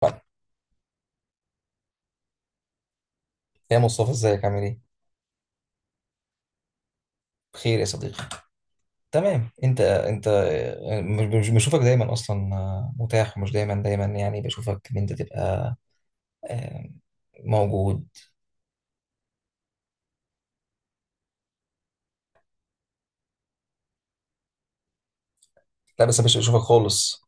طيب، يا مصطفى ازيك عامل ايه؟ بخير يا صديقي. تمام، انت مش بشوفك دايما اصلا، متاح ومش دايما دايما يعني بشوفك ان انت تبقى آه، موجود. لا، بس مش بشوفك خالص.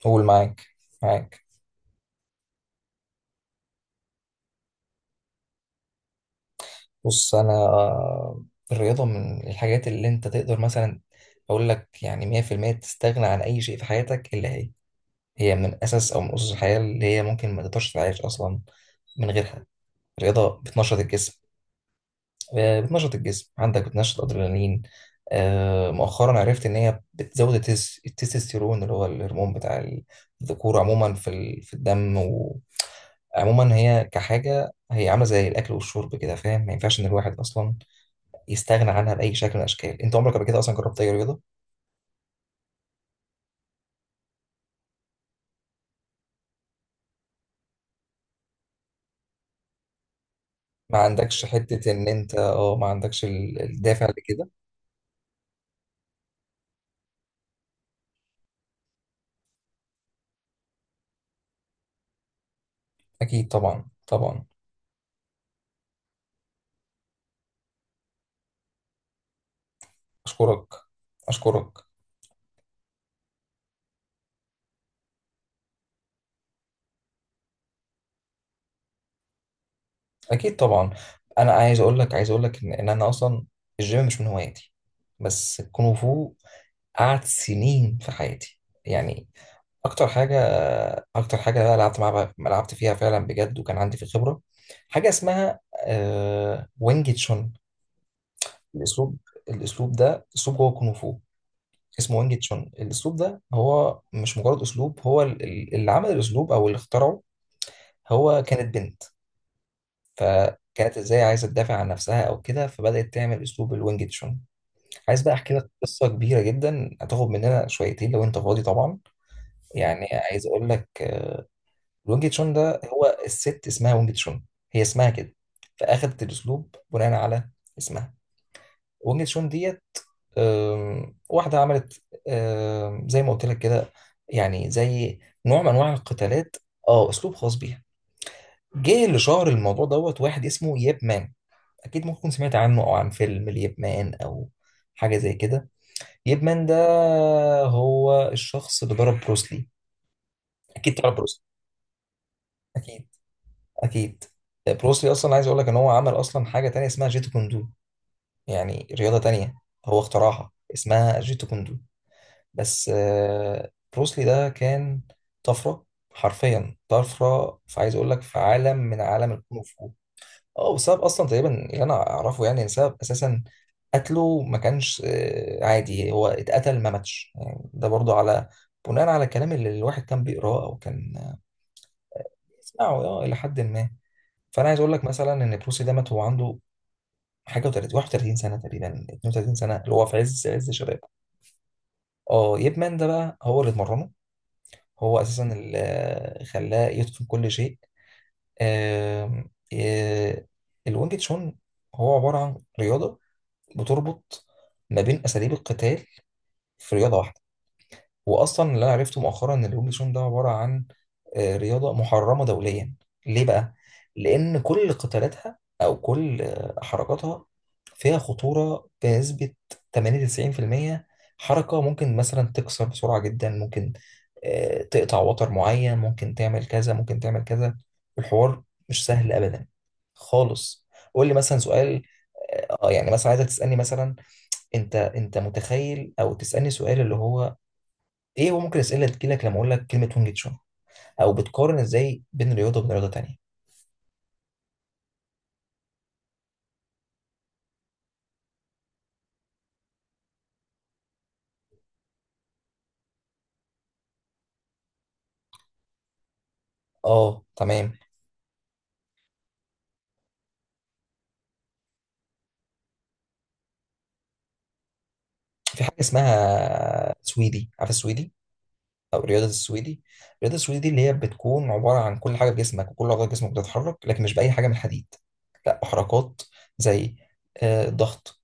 قول. معاك. بص، انا الرياضة من الحاجات اللي انت تقدر مثلا اقول لك يعني 100% تستغنى عن اي شيء في حياتك الا هي. هي من اساس او من اسس الحياة اللي هي ممكن ما تقدرش تعيش اصلا من غيرها. الرياضة بتنشط الجسم، بتنشط الجسم عندك، بتنشط ادرينالين. مؤخرا عرفت ان هي بتزود التستوستيرون اللي هو الهرمون بتاع الذكور عموما في الدم. وعموما هي كحاجه هي عامله زي الاكل والشرب كده، فاهم؟ ما ينفعش ان الواحد اصلا يستغنى عنها باي شكل من الاشكال. انت عمرك قبل كده اصلا جربت اي رياضه؟ ما عندكش حته ان انت اه ما عندكش الدافع لكده؟ اكيد طبعا، طبعا. اشكرك، اشكرك. اكيد طبعا. انا عايز اقول لك، عايز اقول لك إن انا اصلا الجيم مش من هواياتي، بس الكونغ فو قعد سنين في حياتي. يعني اكتر حاجه، اكتر حاجه بقى لعبت معاها، لعبت فيها فعلا بجد وكان عندي في خبره. حاجه اسمها وينج تشون. الاسلوب، الاسلوب ده اسلوب جوه الكونغ فو، اسمه وينج تشون. الاسلوب ده هو مش مجرد اسلوب، هو اللي عمل الاسلوب او اللي اخترعه هو كانت بنت. فكانت ازاي عايزه تدافع عن نفسها او كده، فبدات تعمل اسلوب الوينج تشون. عايز بقى احكي لك قصه كبيره جدا، هتاخد مننا شويتين لو انت فاضي طبعا. يعني عايز اقول لك، الوينج تشون ده هو الست اسمها وينج تشون. هي اسمها كده، فاخدت الاسلوب بناء على اسمها وينج تشون ديت. واحده عملت زي ما قلت لك كده، يعني زي نوع من انواع القتالات. اه، اسلوب خاص بيها. جه اللي شهر الموضوع دوت واحد اسمه ييب مان. اكيد ممكن تكون سمعت عنه او عن فيلم اليب مان او حاجه زي كده. اليب مان ده هو الشخص اللي ضرب بروسلي. اكيد تعرف بروسلي. اكيد، اكيد. بروسلي اصلا عايز اقول لك ان هو عمل اصلا حاجه تانية اسمها جيتو كوندو. يعني رياضه تانية هو اخترعها اسمها جيتو كوندو. بس بروسلي ده كان طفره، حرفيا طفره. فعايز اقول لك في عالم من عالم الكونغ فو، اه، بسبب اصلا تقريبا اللي انا اعرفه، يعني سبب اساسا قتله ما كانش عادي. هو اتقتل ما ماتش، يعني ده برضو على بناء على الكلام اللي الواحد كان بيقراه او كان بيسمعه، اه، الى حد ما. فانا عايز اقول لك مثلا ان بروسي ده مات وهو عنده حاجه و30 31 سنه تقريبا، 32 سنه، اللي هو في عز عز شبابه. اه، ييب مان ده بقى هو اللي اتمرنه، هو اساسا اللي خلاه يتقن كل شيء. آم، آه، الوينج تشون هو عباره عن رياضه بتربط ما بين اساليب القتال في رياضه واحده. واصلا اللي انا عرفته مؤخرا ان الوينج چون ده عباره عن رياضه محرمه دوليا. ليه بقى؟ لان كل قتالاتها او كل حركاتها فيها خطوره بنسبه 80 90%. حركه ممكن مثلا تكسر بسرعه جدا، ممكن تقطع وتر معين، ممكن تعمل كذا، ممكن تعمل كذا، الحوار مش سهل ابدا خالص. قول لي مثلا سؤال. اه يعني مثلا عايزك تسألني مثلا، انت متخيل او تسالني سؤال اللي هو ايه؟ هو ممكن اسئله تجيلك لما اقول لك كلمه وينج تشون، او بتقارن ازاي بين رياضه وبين رياضه تانيه؟ اه، تمام. في حاجه اسمها سويدي، عارف السويدي او رياضه السويدي؟ الرياضه السويدي دي اللي هي بتكون عباره عن كل حاجه في جسمك وكل عضله في جسمك بتتحرك، لكن مش باي حاجه من الحديد، لا، حركات زي ضغط،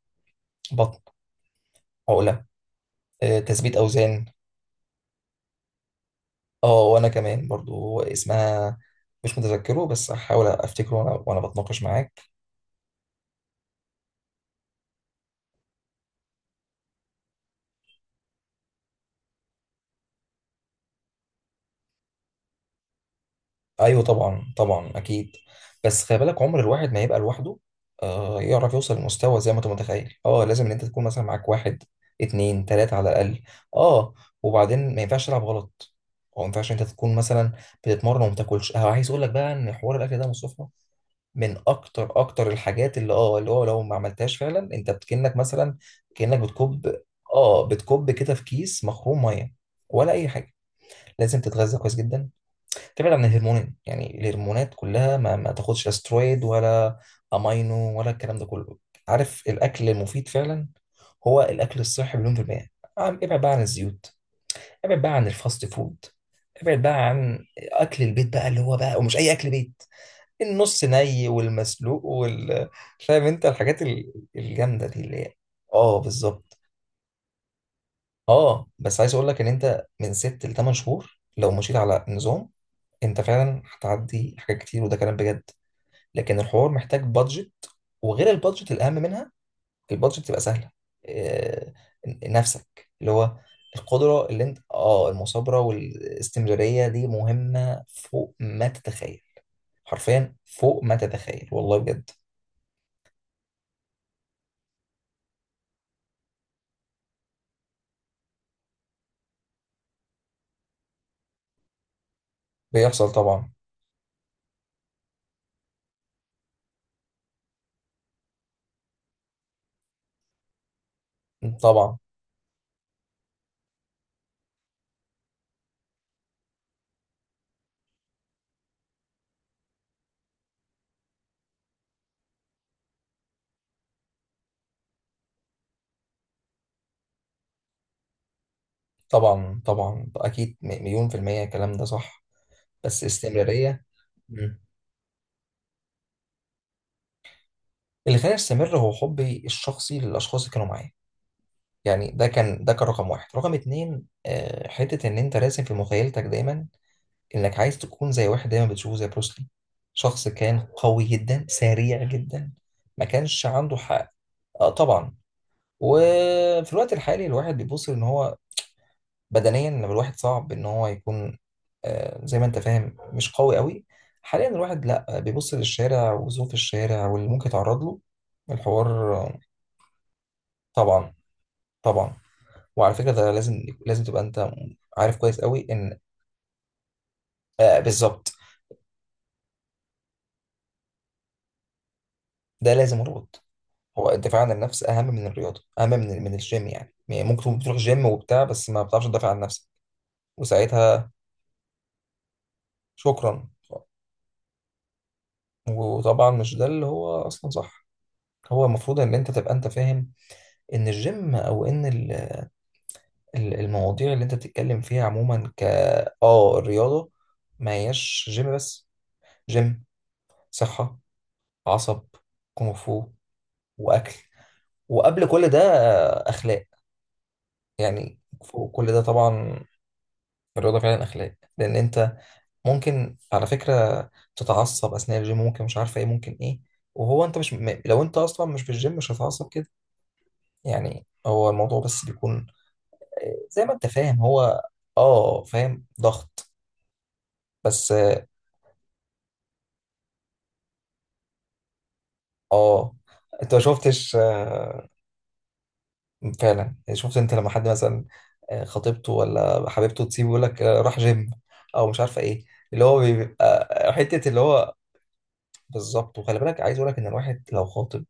بطن، عقله، تثبيت اوزان. اه، وانا كمان برضو اسمها مش متذكره، بس هحاول افتكره وانا بتناقش معاك. ايوه، طبعا طبعا اكيد. بس خلي بالك عمر الواحد ما يبقى لوحده يعرف يوصل لمستوى زي ما انت متخيل. اه، لازم ان انت تكون مثلا معاك واحد، اتنين، تلاتة على الاقل. اه، وبعدين ما ينفعش تلعب غلط، او ما ينفعش انت تكون مثلا بتتمرن وما بتاكلش. عايز اقول لك بقى ان حوار الاكل ده مصطفى من اكتر اكتر الحاجات اللي اه اللي هو لو ما عملتهاش فعلا انت كأنك مثلا، كأنك بتكب، اه، بتكب كده في كيس مخروم ميه، ولا اي حاجه. لازم تتغذى كويس جدا، تبعد عن الهرمونات. يعني الهرمونات كلها ما تاخدش، لا سترويد ولا امينو ولا الكلام ده كله. عارف الاكل المفيد فعلا هو الاكل الصحي مليون في المية. ابعد بقى عن الزيوت، ابعد بقى عن الفاست فود، ابعد بقى عن اكل البيت بقى اللي هو بقى، ومش اي اكل بيت، النص ني والمسلوق وال، فاهم انت الحاجات الجامده دي اللي هي. اه بالظبط. اه، بس عايز اقول لك ان انت من ست لتمن شهور لو مشيت على نظام، انت فعلا هتعدي حاجات كتير، وده كلام بجد. لكن الحوار محتاج بادجت. وغير البادجت الاهم منها، البادجت تبقى سهله، آه، نفسك اللي هو القدره اللي انت اه، المثابره والاستمراريه دي مهمه فوق ما تتخيل، حرفيا فوق ما تتخيل، والله بجد. بيحصل طبعا. طبعا طبعا طبعا اكيد، مليون في المية الكلام ده صح. بس الاستمرارية. مم. اللي خلاني استمر هو حبي الشخصي للاشخاص اللي كانوا معايا. يعني ده كان رقم واحد. رقم اتنين حته ان انت راسم في مخيلتك دايما انك عايز تكون زي واحد دايما بتشوفه زي بروسلي، شخص كان قوي جدا، سريع جدا، ما كانش عنده حق. اه طبعا. وفي الوقت الحالي الواحد بيبص ان هو بدنيا، لما الواحد صعب ان هو يكون زي ما انت فاهم، مش قوي قوي، حاليا الواحد لا بيبص للشارع وظروف الشارع واللي ممكن يتعرض له، الحوار. طبعا، طبعا. وعلى فكره ده لازم، لازم تبقى انت عارف كويس قوي ان، آه بالظبط، ده لازم ربط. هو الدفاع عن النفس اهم من الرياضه، اهم من الجيم. يعني يعني ممكن تكون بتروح جيم وبتاع، بس ما بتعرفش تدافع عن نفسك. وساعتها شكرا. وطبعا مش ده اللي هو اصلا صح، هو المفروض ان انت تبقى انت فاهم ان الجيم او ان المواضيع اللي انت بتتكلم فيها عموما ك، اه الرياضه، ما هياش جيم بس. جيم، صحه، عصب، كونغ فو، واكل، وقبل كل ده اخلاق، يعني فوق كل ده طبعا. الرياضه فعلا اخلاق، لان انت ممكن على فكره تتعصب اثناء الجيم، ممكن مش عارفه ايه، ممكن ايه، وهو انت مش لو انت اصلا مش في الجيم مش هتتعصب كده. يعني هو الموضوع بس بيكون زي ما انت فاهم هو، اه فاهم، ضغط، بس اه آه، انت ما شفتش فعلا. يعني شفت انت لما حد مثلا خطيبته ولا حبيبته تسيبه، يقول لك راح جيم او مش عارفه ايه، اللي هو بيبقى حته اللي هو، بالظبط. وخلي بالك عايز اقول لك ان الواحد لو خاطب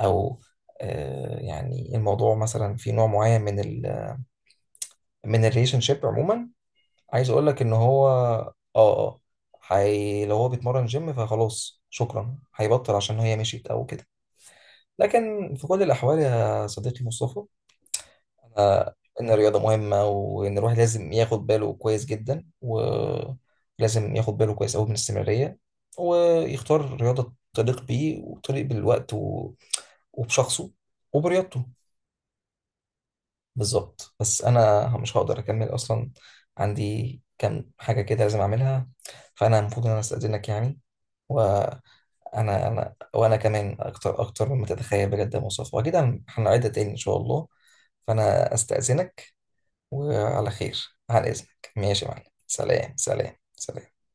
او يعني الموضوع مثلا في نوع معين من ال، من الريليشن شيب عموما، عايز اقول لك ان هو اه اه لو هو بيتمرن جيم فخلاص شكرا هيبطل عشان هي مشيت او كده. لكن في كل الاحوال يا صديقي مصطفى، أنا، إن الرياضة مهمة، وإن الواحد لازم ياخد باله كويس جدا، ولازم ياخد باله كويس أوي من الاستمرارية، ويختار رياضة تليق بيه وتليق بالوقت و، وبشخصه وبرياضته. بالظبط. بس أنا مش هقدر أكمل أصلا، عندي كام حاجة كده لازم أعملها، فأنا المفروض إن أنا أستأذنك يعني، وأنا وأنا كمان أكتر أكتر مما تتخيل بجد يا مصطفى، وأكيد هنعيدها تاني إن شاء الله. فأنا أستأذنك، وعلى خير، على إذنك، ماشي يا معلم، سلام، سلام، سلام.